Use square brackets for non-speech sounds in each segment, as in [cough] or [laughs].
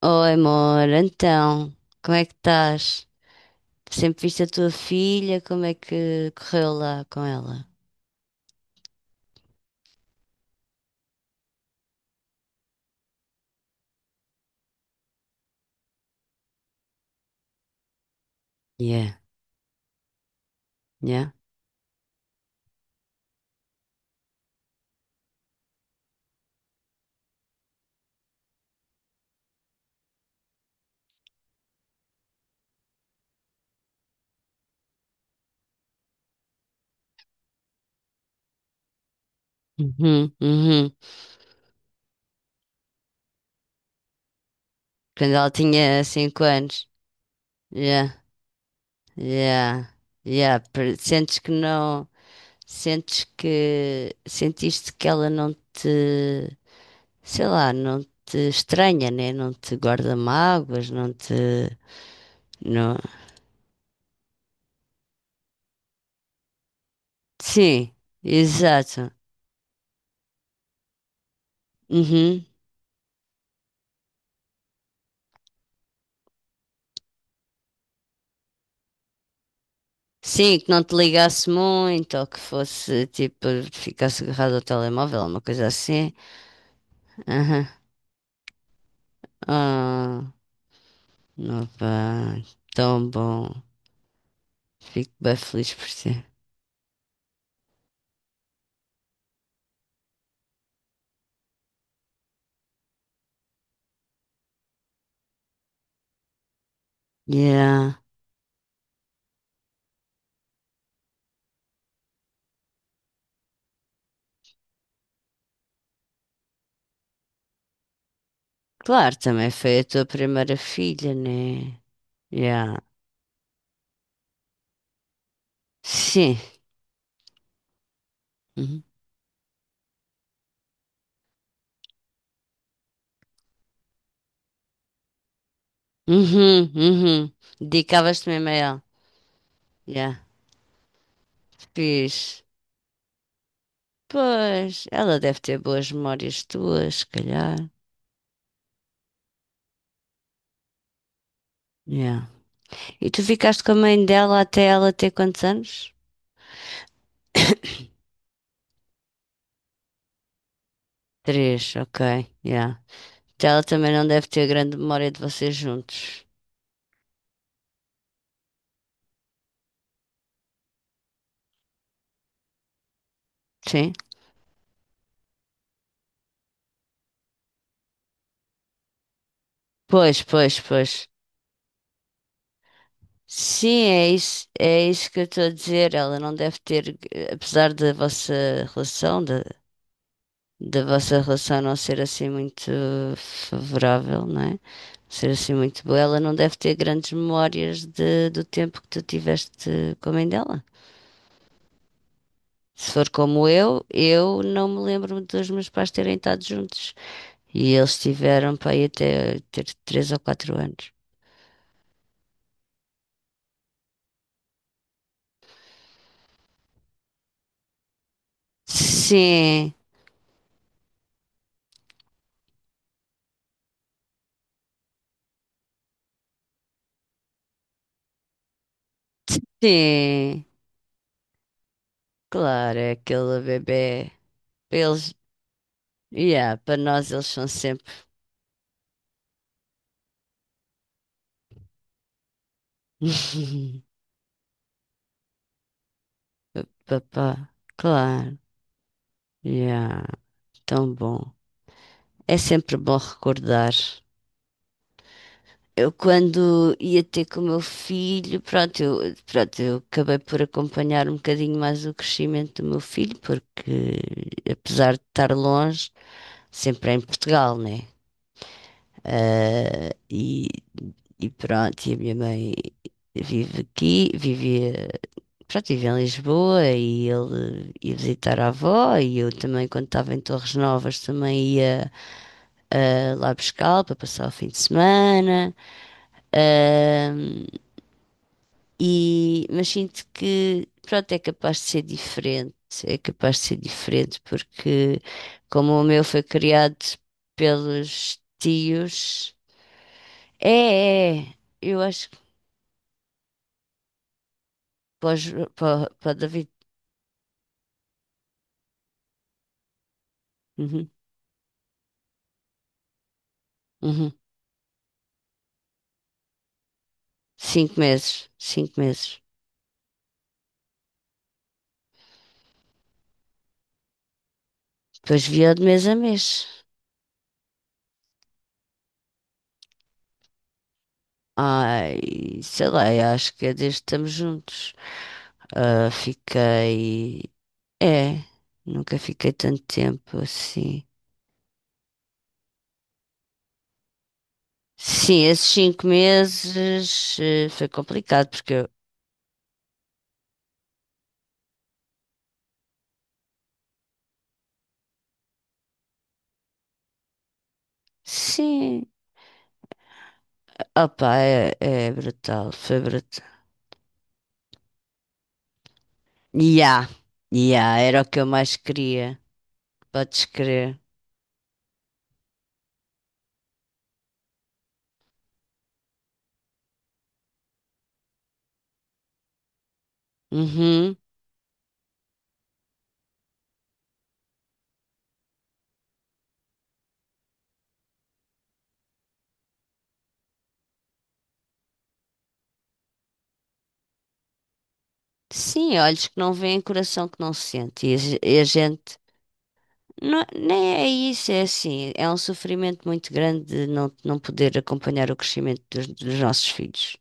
Oi, amor, então, como é que estás? Sempre viste a tua filha, como é que correu lá com ela? Yeah, yeah. Uhum, uhum. Quando ela tinha 5 anos. Yeah, yeah, yeah. Sentes que não. Sentes que. Sentiste que ela não te. Sei lá, não te estranha, né? Não te guarda mágoas, não te. Não. Sim, exato. Uhum. Sim, que não te ligasse muito, ou que fosse tipo, ficasse agarrado ao telemóvel, uma coisa assim. Aham. Ah, não pá, tão bom. Fico bem feliz por ti. Yeah. Claro, também foi a tua primeira filha, né? Yeah. Sim. Uhum, uhum. Uhum. Dedicavas-te mesmo a ela. Yeah. Fiz. Pois, ela deve ter boas memórias tuas, se calhar. Yeah. E tu ficaste com a mãe dela até ela ter quantos anos? [coughs] Três, ok, yeah. Então ela também não deve ter grande memória de vocês juntos. Sim? Pois, pois, pois. Sim, é isso que eu estou a dizer. Ela não deve ter, apesar da vossa relação, da vossa relação não ser assim muito favorável, não é? Ser assim muito boa, ela não deve ter grandes memórias do tempo que tu tiveste com a mãe dela. Se for como eu não me lembro dos meus pais terem estado juntos. E eles tiveram para aí até ter 3 ou 4 anos. Sim, sim, claro, é aquele bebê. Para Eles, yeah, para nós eles são sempre. [laughs] Papá, claro, yeah, tão bom. É sempre bom recordar. Eu quando ia ter com o meu filho, pronto, eu acabei por acompanhar um bocadinho mais o crescimento do meu filho, porque apesar de estar longe, sempre é em Portugal, né? Ah, e pronto, e a minha mãe vive aqui, vivia, pronto, vive em Lisboa e ele ia visitar a avó e eu também quando estava em Torres Novas também ia ah, lá buscá-lo para passar o fim de semana. Ah, mas sinto que, pronto, é capaz de ser diferente, porque como o meu foi criado pelos tios, é, é, eu acho que para, os- para, para o David, uhum, uhum. 5 meses, 5 meses. Depois via de mês a mês. Ai, sei lá, eu acho que é desde que estamos juntos. Ah, é, nunca fiquei tanto tempo assim. Sim, esses 5 meses foi complicado porque eu. Sim, opa, é brutal, foi brutal. Ya, ya, era o que eu mais queria, podes crer. Uhum. Sim, olhos que não veem, coração que não sente. E a gente. Não, nem é isso, é assim. É um sofrimento muito grande de não poder acompanhar o crescimento dos nossos filhos.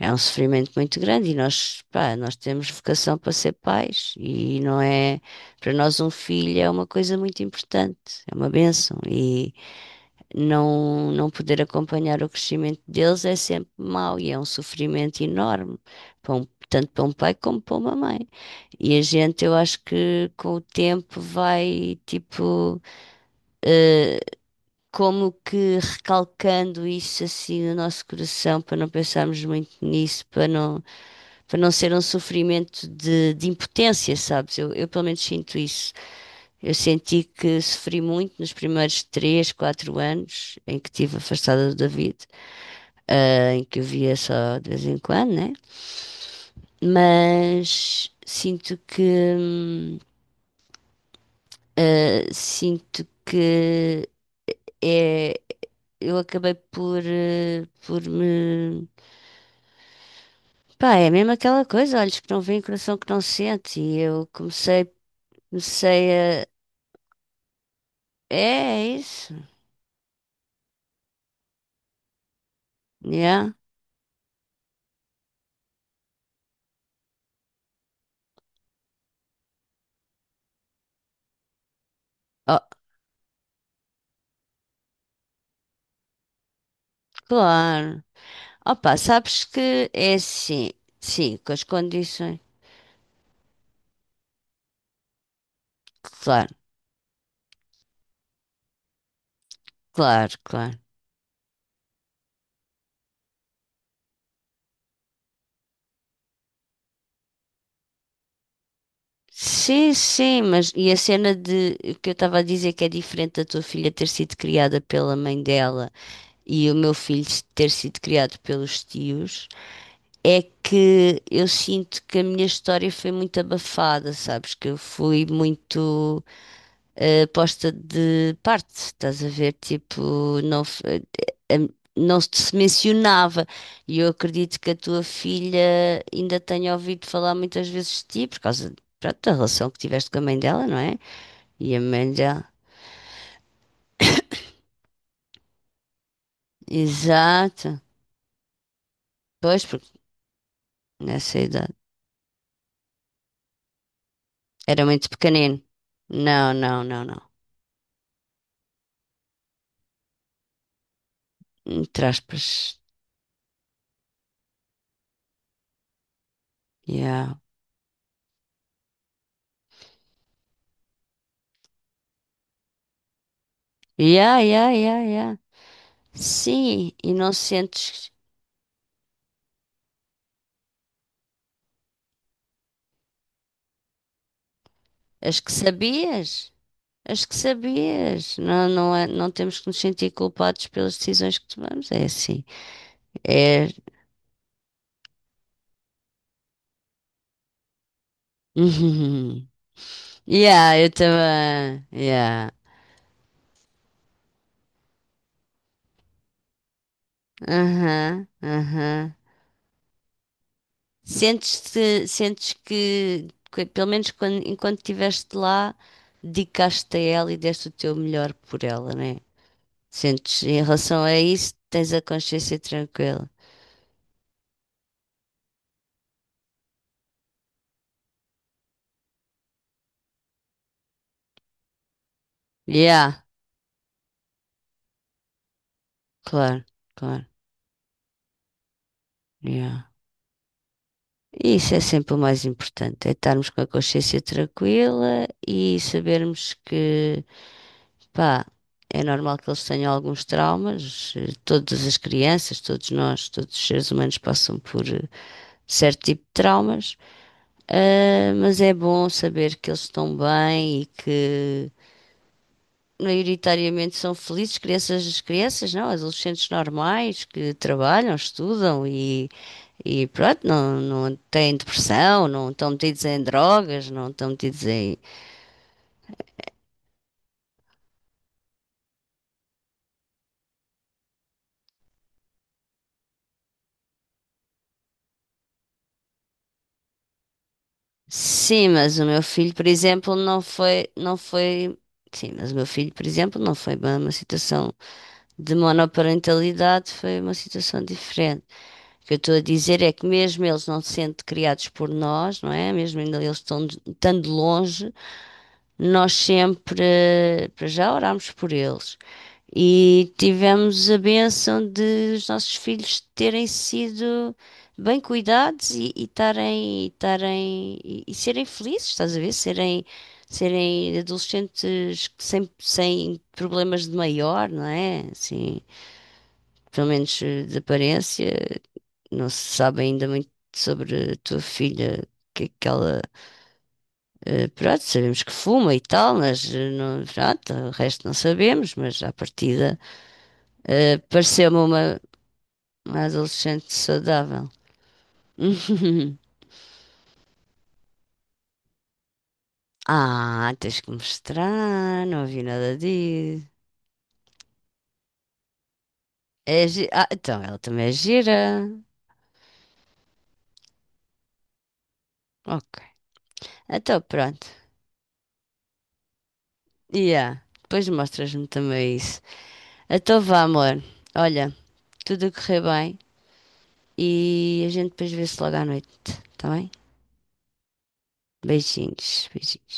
É um sofrimento muito grande e nós, pá, nós temos vocação para ser pais e não é, para nós um filho é uma coisa muito importante, é uma bênção e não poder acompanhar o crescimento deles é sempre mau e é um sofrimento enorme, tanto para um pai como para uma mãe. E a gente, eu acho que com o tempo vai, tipo, como que recalcando isso assim no nosso coração para não pensarmos muito nisso, para não ser um sofrimento de impotência, sabes? Eu pelo menos sinto isso. Eu senti que sofri muito nos primeiros 3, 4 anos em que estive afastada do David, ah, em que eu via só de vez em quando, né? Mas sinto que sinto que é, eu acabei por, por me. Pá, é mesmo aquela coisa, olhos que não veem, coração que não sente. E eu comecei a, é é isso, yeah. Oh, claro. Opa, sabes que é assim, sim, com as condições. Claro, claro, claro. Sim, sim, mas e a cena de que eu estava a dizer que é diferente da tua filha ter sido criada pela mãe dela e o meu filho ter sido criado pelos tios, é que eu sinto que a minha história foi muito abafada, sabes? Que eu fui muito posta de parte, estás a ver? Tipo, não, eh, não se mencionava. E eu acredito que a tua filha ainda tenha ouvido falar muitas vezes de ti, por causa pronto, da relação que tiveste com a mãe dela, não é? E a mãe dela. Exato. Pois, porque nessa idade era muito pequenino. Não, não, não, não. Entre aspas. Yeah. Yeah, yeah, yeah, yeah. Sim, e não sentes as que sabias? Acho que sabias. Não, não é, não temos que nos sentir culpados pelas decisões que tomamos. É assim. É. [laughs] Yeah, eu também. Yeah. Aham, aham. Sentes pelo menos quando, enquanto estiveste lá, dedicaste-te a ela e deste o teu melhor por ela, né? Sentes, em relação a isso, tens a consciência tranquila. Yeah, claro, claro. Yeah. E isso é sempre o mais importante, é estarmos com a consciência tranquila e sabermos que, pá, é normal que eles tenham alguns traumas, todas as crianças, todos nós, todos os seres humanos passam por certo tipo de traumas, ah, mas é bom saber que eles estão bem e que maioritariamente são felizes, crianças, crianças não, adolescentes normais que trabalham, estudam e pronto, não, não têm depressão, não estão metidos em drogas, não estão metidos em... Sim, mas o meu filho, por exemplo, não foi, não foi... Sim, mas o meu filho, por exemplo, não foi bem uma situação de monoparentalidade, foi uma situação diferente. O que eu estou a dizer é que mesmo eles não se sentem criados por nós, não é? Mesmo ainda eles estão estando longe, nós sempre, para já, orámos por eles e tivemos a bênção de os nossos filhos terem sido bem cuidados e estarem e serem felizes, estás a ver? Serem adolescentes sem problemas de maior, não é? Assim, pelo menos de aparência, não se sabe ainda muito sobre a tua filha, o que é que ela pronto, sabemos que fuma e tal, mas não, pronto, o resto não sabemos, mas à partida, pareceu-me uma adolescente saudável. [laughs] Ah, tens que mostrar, não vi nada disso. Ah, então ela também é gira. Ok. Então pronto. Yeah. Depois mostras-me também isso. Então vá, amor. Olha, tudo a correr bem e a gente depois vê-se logo à noite, tá bem? Beijinhos, beijinhos.